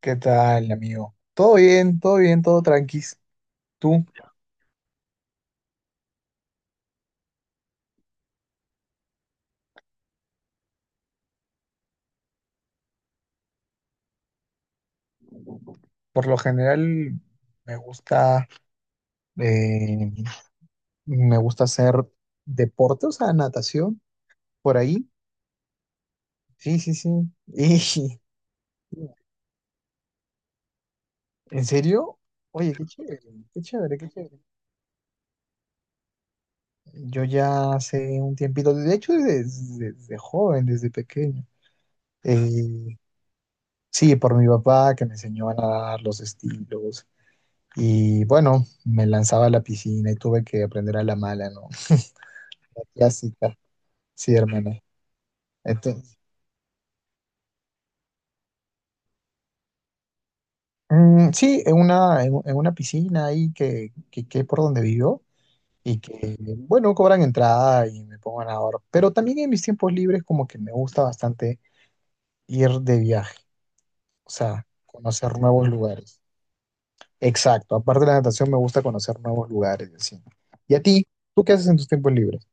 ¿Qué tal, amigo? Todo bien, todo bien, todo tranquis. Tú, por lo general, me gusta, eh, me gusta hacer deporte, o sea, natación, por ahí. Sí, sí, sí. Y, ¿en serio? Oye, qué chévere, qué chévere, qué chévere. Yo ya hace un tiempito, de hecho, desde joven, desde pequeño. eh, sí, por mi papá que me enseñó a nadar los estilos. Y bueno, me lanzaba a la piscina y tuve que aprender a la mala, ¿no? La clásica, sí, hermana. Entonces, mm, sí, en una, en una piscina ahí que por donde vivo y que, bueno, cobran entrada y me pongo a nadar. Pero también en mis tiempos libres como que me gusta bastante ir de viaje, o sea, conocer nuevos lugares. Exacto, aparte de la natación me gusta conocer nuevos lugares, y así. ¿Y a ti? ¿Tú qué haces en tus tiempos libres?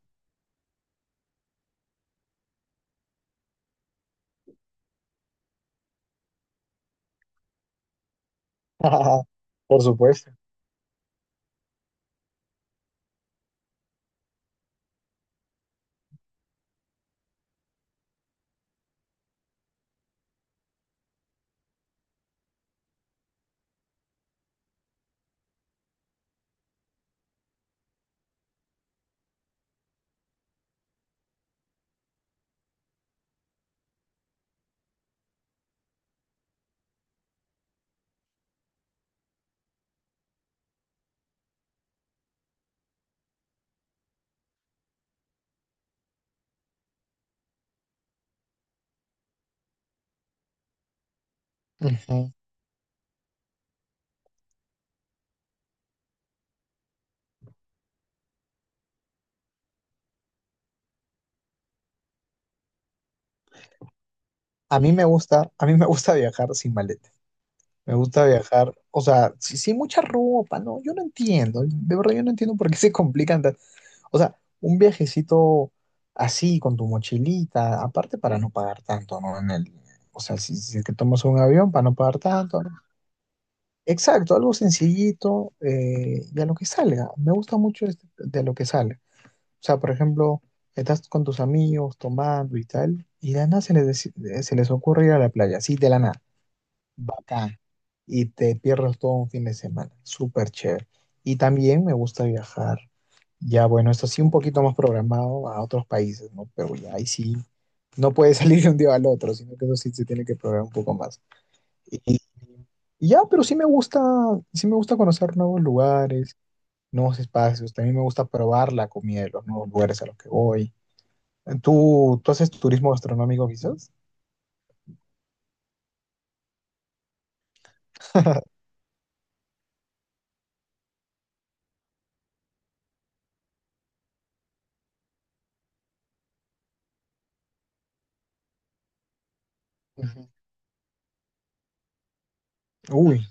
Por supuesto. A mí me gusta, a mí me gusta viajar sin maleta. Me gusta viajar, o sea, sí, sí, mucha ropa, no, yo no entiendo, de verdad yo no entiendo por qué se complican tan- O sea, un viajecito así con tu mochilita, aparte para no pagar tanto, ¿no? En el, o sea, si, si es que tomas un avión para no pagar tanto, ¿no? Exacto, algo sencillito y a lo que salga. Me gusta mucho este- de lo que sale. O sea, por ejemplo, estás con tus amigos tomando y tal, y de la nada se les, deci- se les ocurre ir a la playa, así de la nada bacán y te pierdas todo un fin de semana. Súper chévere. Y también me gusta viajar, ya bueno, esto sí un poquito más programado a otros países, ¿no? Pero ya ahí sí, no puede salir de un día al otro, sino que eso sí se tiene que programar un poco más. Y, y ya, pero sí me gusta conocer nuevos lugares, nuevos espacios. También me gusta probar la comida de los nuevos lugares a los que voy. ¿Tú, tú haces turismo gastronómico quizás? Ujú. Uy,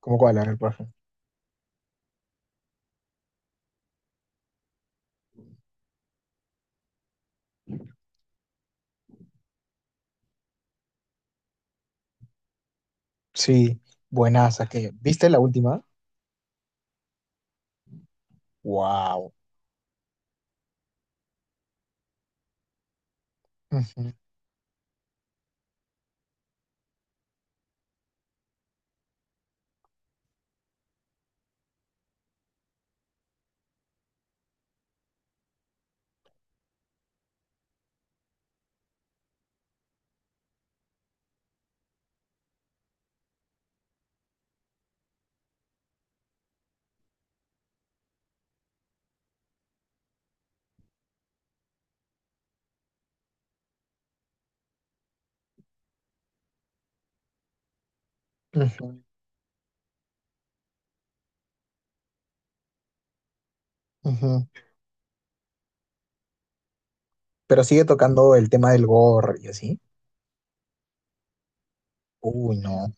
¿cómo cuál? A ver, por ejemplo. Sí, buenaza, ¿que viste la última? Wow. Ujú, ujú, ujú. Pero sigue tocando el tema del gore y así. Uy, no.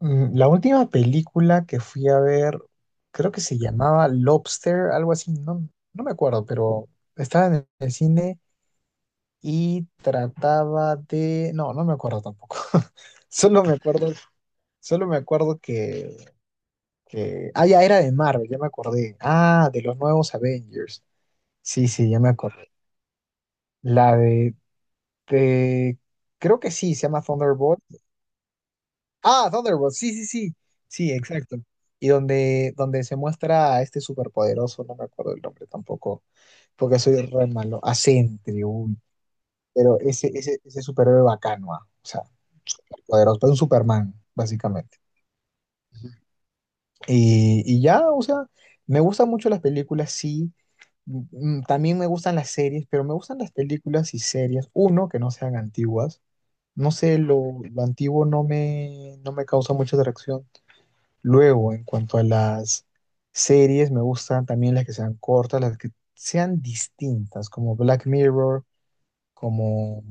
Mm, la última película que fui a ver, creo que se llamaba Lobster, algo así, no, no me acuerdo, pero estaba en el cine y trataba de... No, no me acuerdo tampoco. Solo me acuerdo, solo me acuerdo que... Ah, ya era de Marvel, ya me acordé. Ah, de los nuevos Avengers. Sí, sí, ya me acordé. La de- Creo que sí, se llama Thunderbolt. Ah, Thunderbolt, sí, sí, sí. Sí, exacto. Y donde se muestra a este superpoderoso, no me acuerdo el nombre tampoco, porque soy re malo. A Sentry, uy. Pero ese superhéroe bacano, ah, o sea, poderoso, pero un Superman, básicamente. Y ya, o sea, me gustan mucho las películas, sí. Mm, mm, también me gustan las series, pero me gustan las películas y series, uno, que no sean antiguas. No sé, lo antiguo no me, no me causa mucha atracción. Luego, en cuanto a las series, me gustan también las que sean cortas, las que sean distintas, como Black Mirror, como...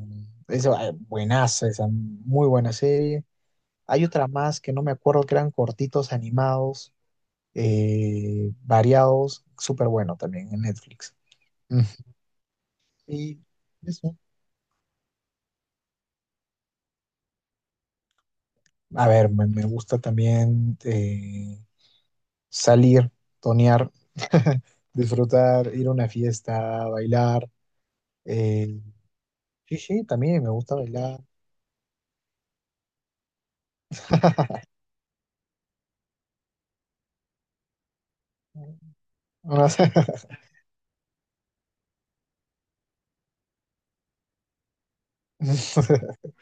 Eso, ah, buenaza, esa muy buena serie. Hay otra más que no me acuerdo, que eran cortitos, animados, variados, súper bueno también en Netflix. Mm. Y eso. A ver, me gusta también. Salir, tonear, disfrutar, ir a una fiesta, bailar. eh, sí, sí, también me gusta bailar. No no sé.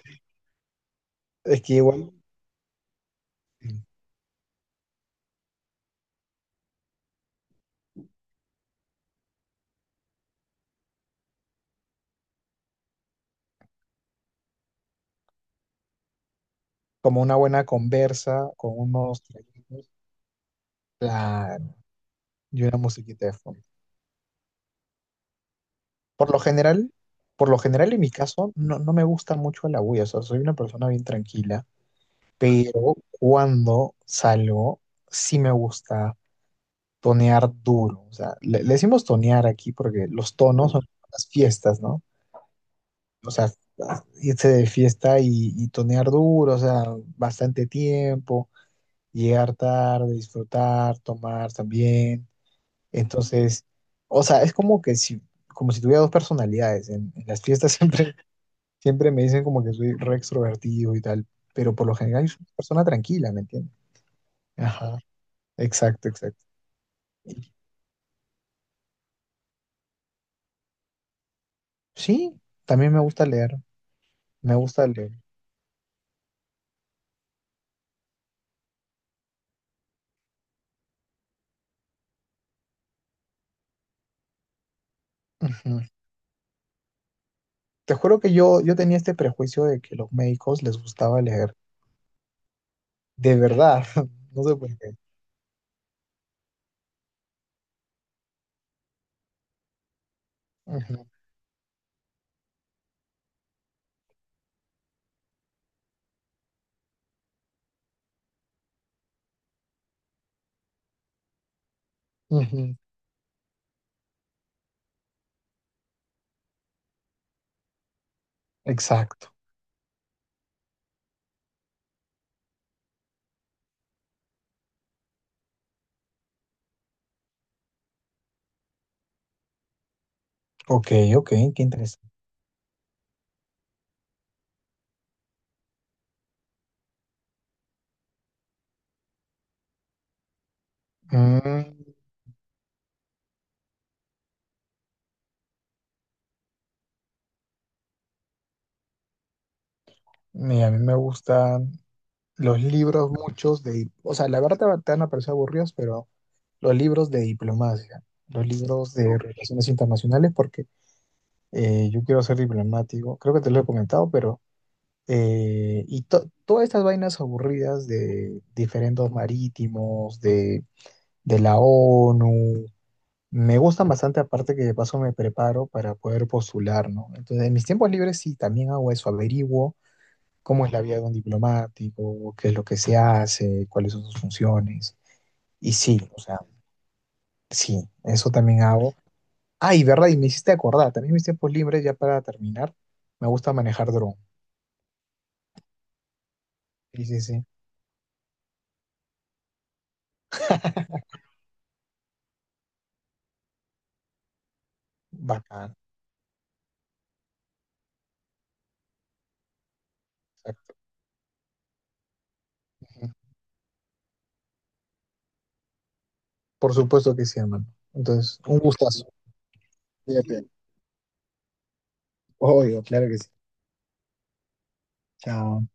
Es que igual, como una buena conversa, con unos traguitos, claro, y una musiquita de fondo. Por lo general, por lo general en mi caso, no, no me gusta mucho la bulla, o sea, soy una persona bien tranquila, pero cuando salgo, sí me gusta tonear duro. O sea, le decimos tonear aquí porque los tonos son las fiestas, ¿no? O sea, irse de fiesta y tonear duro, o sea, bastante tiempo, llegar tarde, disfrutar, tomar también. Entonces, o sea, es como que si, como si tuviera dos personalidades. En las fiestas siempre, siempre me dicen como que soy re extrovertido y tal, pero por lo general soy una persona tranquila, ¿me entiendes? Ajá, exacto, exacto. Sí, también me gusta leer, me gusta leer. Ujú. Te juro que yo tenía este prejuicio de que los médicos les gustaba leer. De verdad, no sé por qué. Ujú, ujú. Exacto. Ok, ok, qué interesante. Mm, mira, a mí me gustan los libros muchos de... O sea, la verdad te van a parecer aburridos, pero los libros de diplomacia, los libros de relaciones internacionales, porque yo quiero ser diplomático. Creo que te lo he comentado, pero eh, y to- todas estas vainas aburridas de diferendos marítimos, de la ONU, me gustan bastante, aparte que de paso me preparo para poder postular, ¿no? Entonces, en mis tiempos libres sí, también hago eso, averiguo cómo es la vida de un diplomático, qué es lo que se hace, cuáles son sus funciones. Y sí, o sea, sí, eso también hago. Ah, y verdad, y me hiciste acordar, también en mis tiempos libres, ya para terminar, me gusta manejar dron. Sí, sí, sí, bacán. Exacto. Por supuesto que sí, hermano. Entonces, un gustazo. Cuídate. Obvio, claro que sí. Chao.